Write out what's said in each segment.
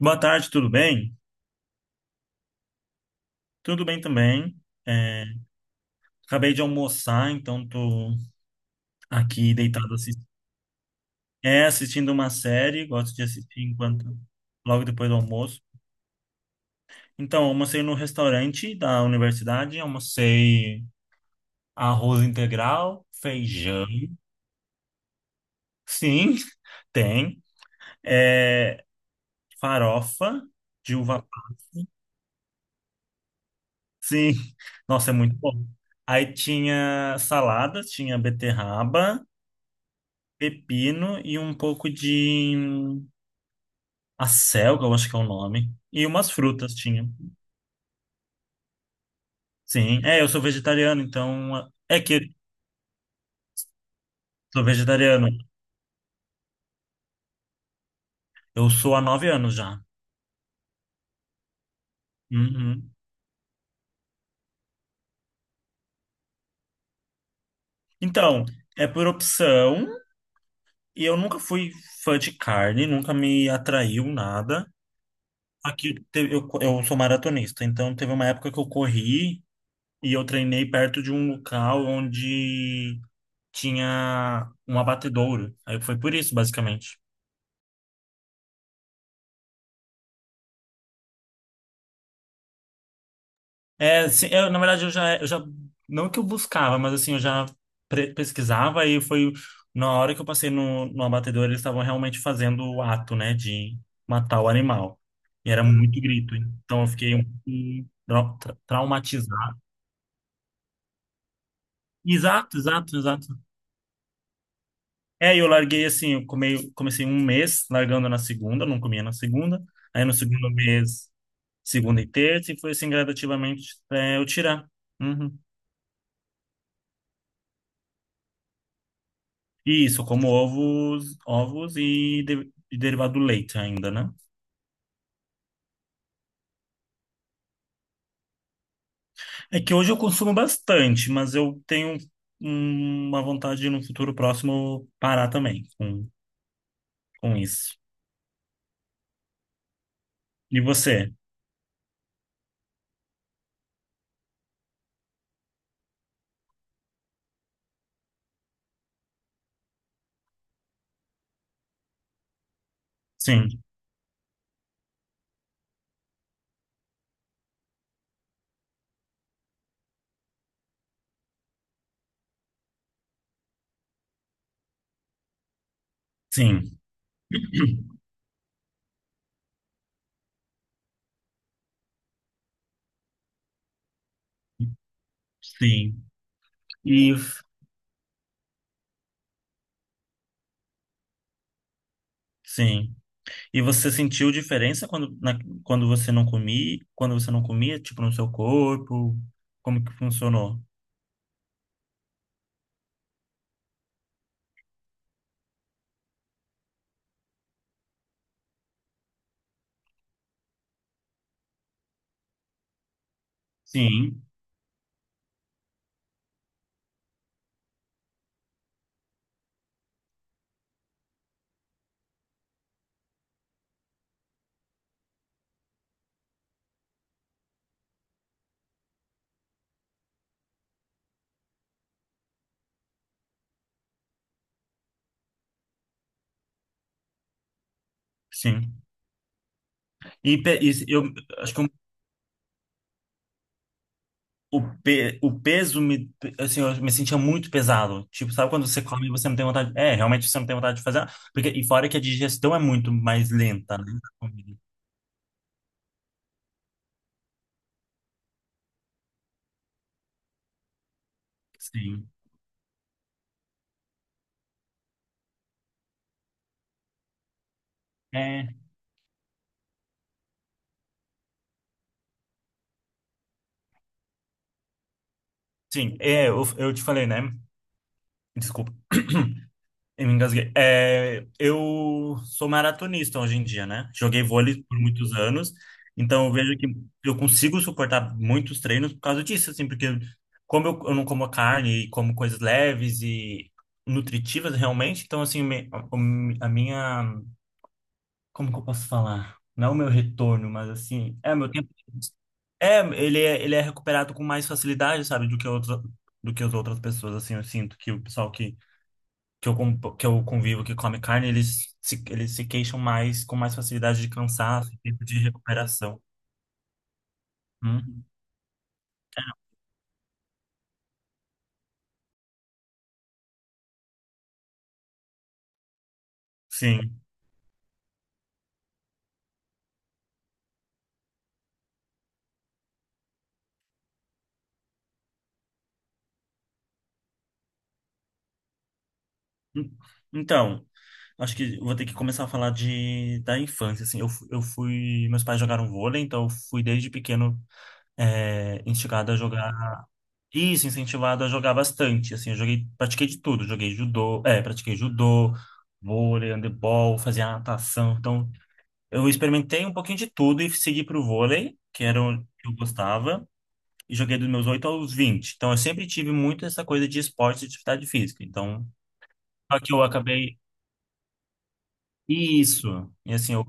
Boa tarde, tudo bem? Tudo bem também. É, acabei de almoçar, então tô aqui deitado assistindo, assistindo uma série, gosto de assistir enquanto logo depois do almoço. Então, almocei no restaurante da universidade, almocei arroz integral, feijão, sim, tem, é, farofa de uva passa. Sim, nossa, é muito bom. Aí tinha salada, tinha beterraba, pepino e um pouco de acelga, eu acho que é o nome. E umas frutas tinha. Sim, eu sou vegetariano, então. É que eu sou vegetariano. Eu sou há 9 anos já. Uhum. Então, é por opção, e eu nunca fui fã de carne, nunca me atraiu nada. Aqui teve- eu, co- eu sou maratonista, então teve uma época que eu corri e eu treinei perto de um local onde tinha um abatedouro. Aí foi por isso, basicamente. É, sim, eu, na verdade, eu já, não que eu buscava, mas assim, eu já pesquisava e foi na hora que eu passei no abatedor, eles estavam realmente fazendo o ato, né, de matar o animal. E era muito grito, então eu fiquei um pouco traumatizado. Exato, exato, exato. É, e eu larguei assim, eu comecei um mês largando na segunda, não comia na segunda. Aí no segundo mês, segunda e terça, e foi assim gradativamente até eu tirar. Uhum. Isso, como ovos, e derivado do leite ainda, né? É que hoje eu consumo bastante, mas eu tenho uma vontade de no futuro próximo parar também com isso. E você? Sim, sim, sim. E sim. E você sentiu diferença quando você não comia, tipo, no seu corpo? Como que funcionou? Sim, sim. E eu acho que o peso me, assim, eu me sentia muito pesado. Tipo, sabe quando você come e você não tem vontade? É, realmente você não tem vontade de fazer nada. Porque, e fora que a digestão é muito mais lenta, né? Da comida. Sim. É, sim. É, eu te falei, né? Desculpa. Eu me engasguei. É, eu sou maratonista hoje em dia, né? Joguei vôlei por muitos anos, então eu vejo que eu consigo suportar muitos treinos por causa disso, assim, porque como eu não como carne e como coisas leves e nutritivas realmente, então assim, a minha, como que eu posso falar? Não é o meu retorno, mas assim, é meu tempo. É, ele é recuperado com mais facilidade, sabe, do que outras, do que as outras pessoas, assim, eu sinto que o pessoal que eu convivo que come carne, eles se queixam mais, com mais facilidade de cansaço, tempo de recuperação. Hum, sim. Hum, Então, acho que vou ter que começar a falar da infância, assim. Eu fui... Meus pais jogaram vôlei, então eu fui desde pequeno instigado a jogar... Isso, incentivado a jogar bastante, assim. Eu joguei... Pratiquei de tudo. Joguei judô... É, pratiquei judô, vôlei, handebol, fazia natação. Então, eu experimentei um pouquinho de tudo e segui pro vôlei, que era o que eu gostava, e joguei dos meus 8 aos 20. Então eu sempre tive muito essa coisa de esporte e de atividade física. Então, só que eu acabei isso. E assim, eu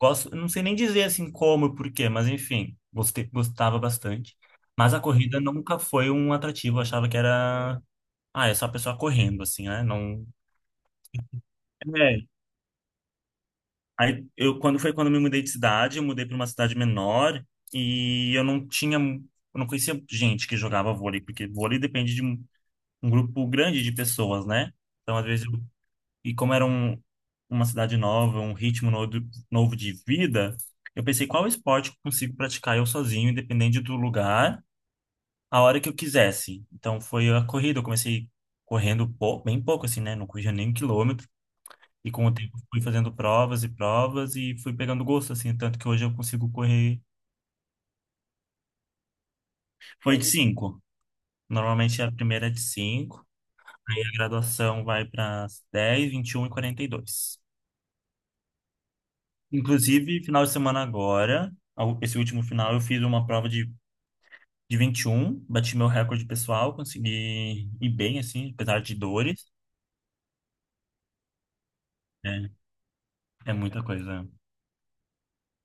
gosto, eu não sei nem dizer assim como e por quê, mas enfim, gostei, gostava bastante. Mas a corrida nunca foi um atrativo, eu achava que era, é só a pessoa correndo assim, né? Não é. Aí eu quando foi quando eu me mudei de cidade, eu mudei para uma cidade menor e eu não tinha, eu não conhecia gente que jogava vôlei, porque vôlei depende de um grupo grande de pessoas, né? Então às vezes eu, e como era um, uma cidade nova, um ritmo novo de vida, eu pensei qual esporte eu consigo praticar eu sozinho, independente do lugar, a hora que eu quisesse. Então foi a corrida, eu comecei correndo bem pouco assim, né? Não corria nem 1 quilômetro. E com o tempo fui fazendo provas e provas e fui pegando gosto, assim, tanto que hoje eu consigo correr. Foi de cinco. Normalmente a primeira é de 5 e a graduação vai para 10, 21 e 42. Inclusive, final de semana agora, esse último final, eu fiz uma prova de 21, bati meu recorde pessoal, consegui ir bem, assim, apesar de dores. É, é muita coisa.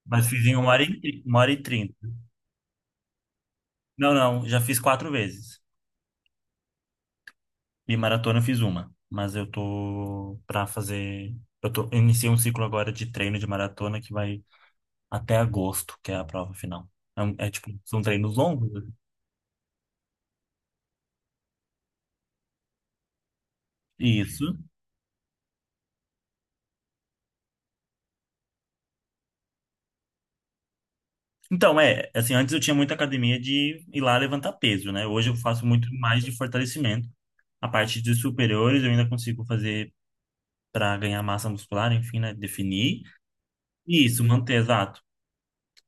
Mas fiz em 1 hora e, 1h30. Não, não, já fiz quatro vezes. E maratona eu fiz uma, mas eu tô pra fazer. Eu tô, eu iniciei um ciclo agora de treino de maratona que vai até agosto, que é a prova final. É, é tipo, são treinos longos, né? Isso. Então, assim, antes eu tinha muita academia de ir lá levantar peso, né? Hoje eu faço muito mais de fortalecimento. A parte de superiores eu ainda consigo fazer pra ganhar massa muscular, enfim, né? Definir. Isso, manter, exato.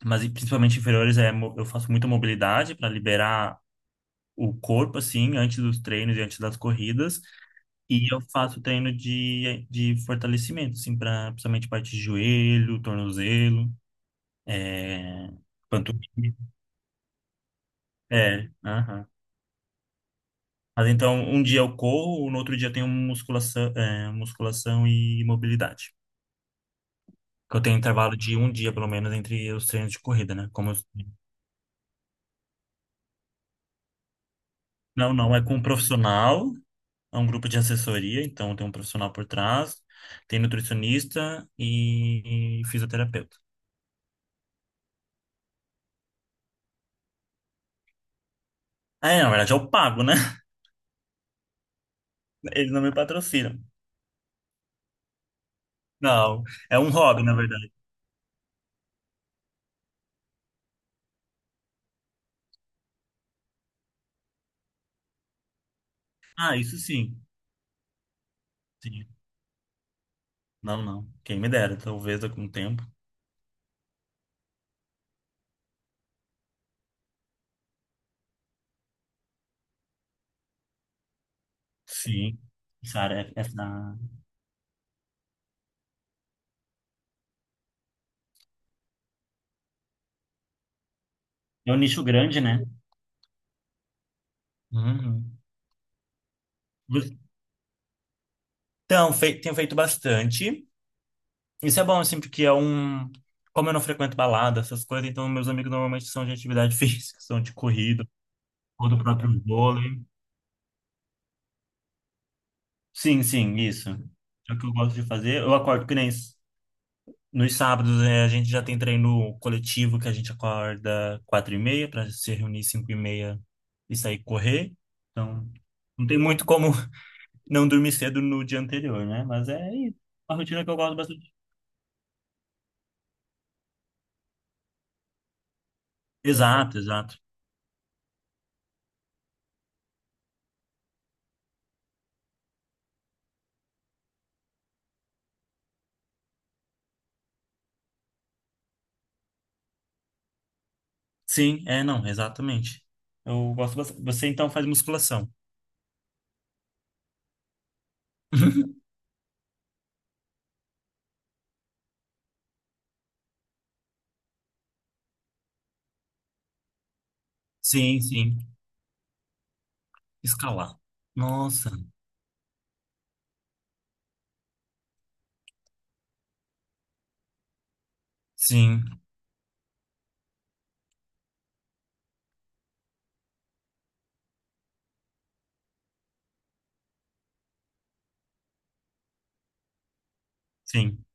Mas e principalmente inferiores eu faço muita mobilidade para liberar o corpo, assim, antes dos treinos e antes das corridas. E eu faço treino de fortalecimento, assim, pra, principalmente parte de joelho, tornozelo, é, panturrilha. É, aham. Mas então, um dia eu corro, no outro dia eu tenho musculação, musculação e mobilidade. Que eu tenho intervalo de um dia, pelo menos, entre os treinos de corrida, né? Como eu- Não, não, é com um profissional, é um grupo de assessoria, então tem um profissional por trás, tem nutricionista e fisioterapeuta. Ah, é, na verdade, eu pago, né? Eles não me patrocinam. Não, é um hobby, na verdade. Ah, isso sim. Sim. Não, não. Quem me dera, talvez com o tempo. Sim. Sara, é um nicho grande, né? Uhum. Então, tenho feito bastante. Isso é bom, assim, porque é um. Como eu não frequento balada, essas coisas, então meus amigos normalmente são de atividade física, são de corrida, ou do próprio vôlei. Sim, sim, isso. É o que eu gosto de fazer. Eu acordo que nem Nos sábados, a gente já tem treino coletivo que a gente acorda 4h30 para se reunir 5h30 e sair correr. Então, não tem muito como não dormir cedo no dia anterior, né? Mas é uma rotina que eu gosto bastante. Exato, exato. Sim, não, exatamente. Eu gosto bastante. Você então faz musculação. Sim, sim. Escalar. Nossa. Sim, sim.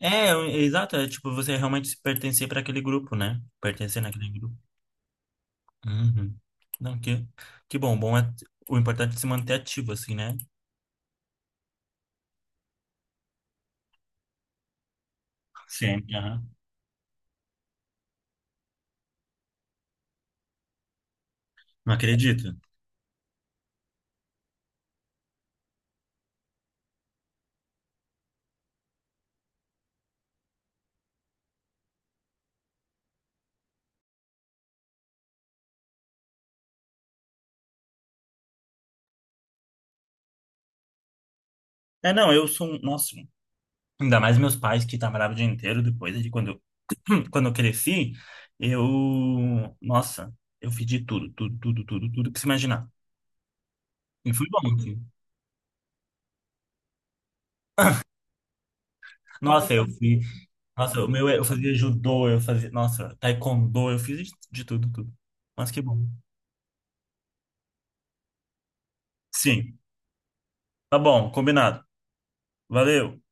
É exato. É tipo você realmente pertencer para aquele grupo, né? Pertencer naquele grupo. Uhum. Não, que bom. Bom é o importante é se manter ativo, assim, né? Sim, aham. Não acredito. É, não, eu sou, nossa, ainda mais meus pais que trabalhavam o dia inteiro depois de quando eu, quando eu cresci, eu, nossa, eu fiz de tudo, tudo, tudo, tudo, tudo que se imaginar. E fui bom, assim. Nossa, eu fui, nossa, o meu, eu fazia judô, eu fazia, nossa, taekwondo, eu fiz de tudo, tudo. Mas que bom. Sim, tá bom, combinado. Valeu.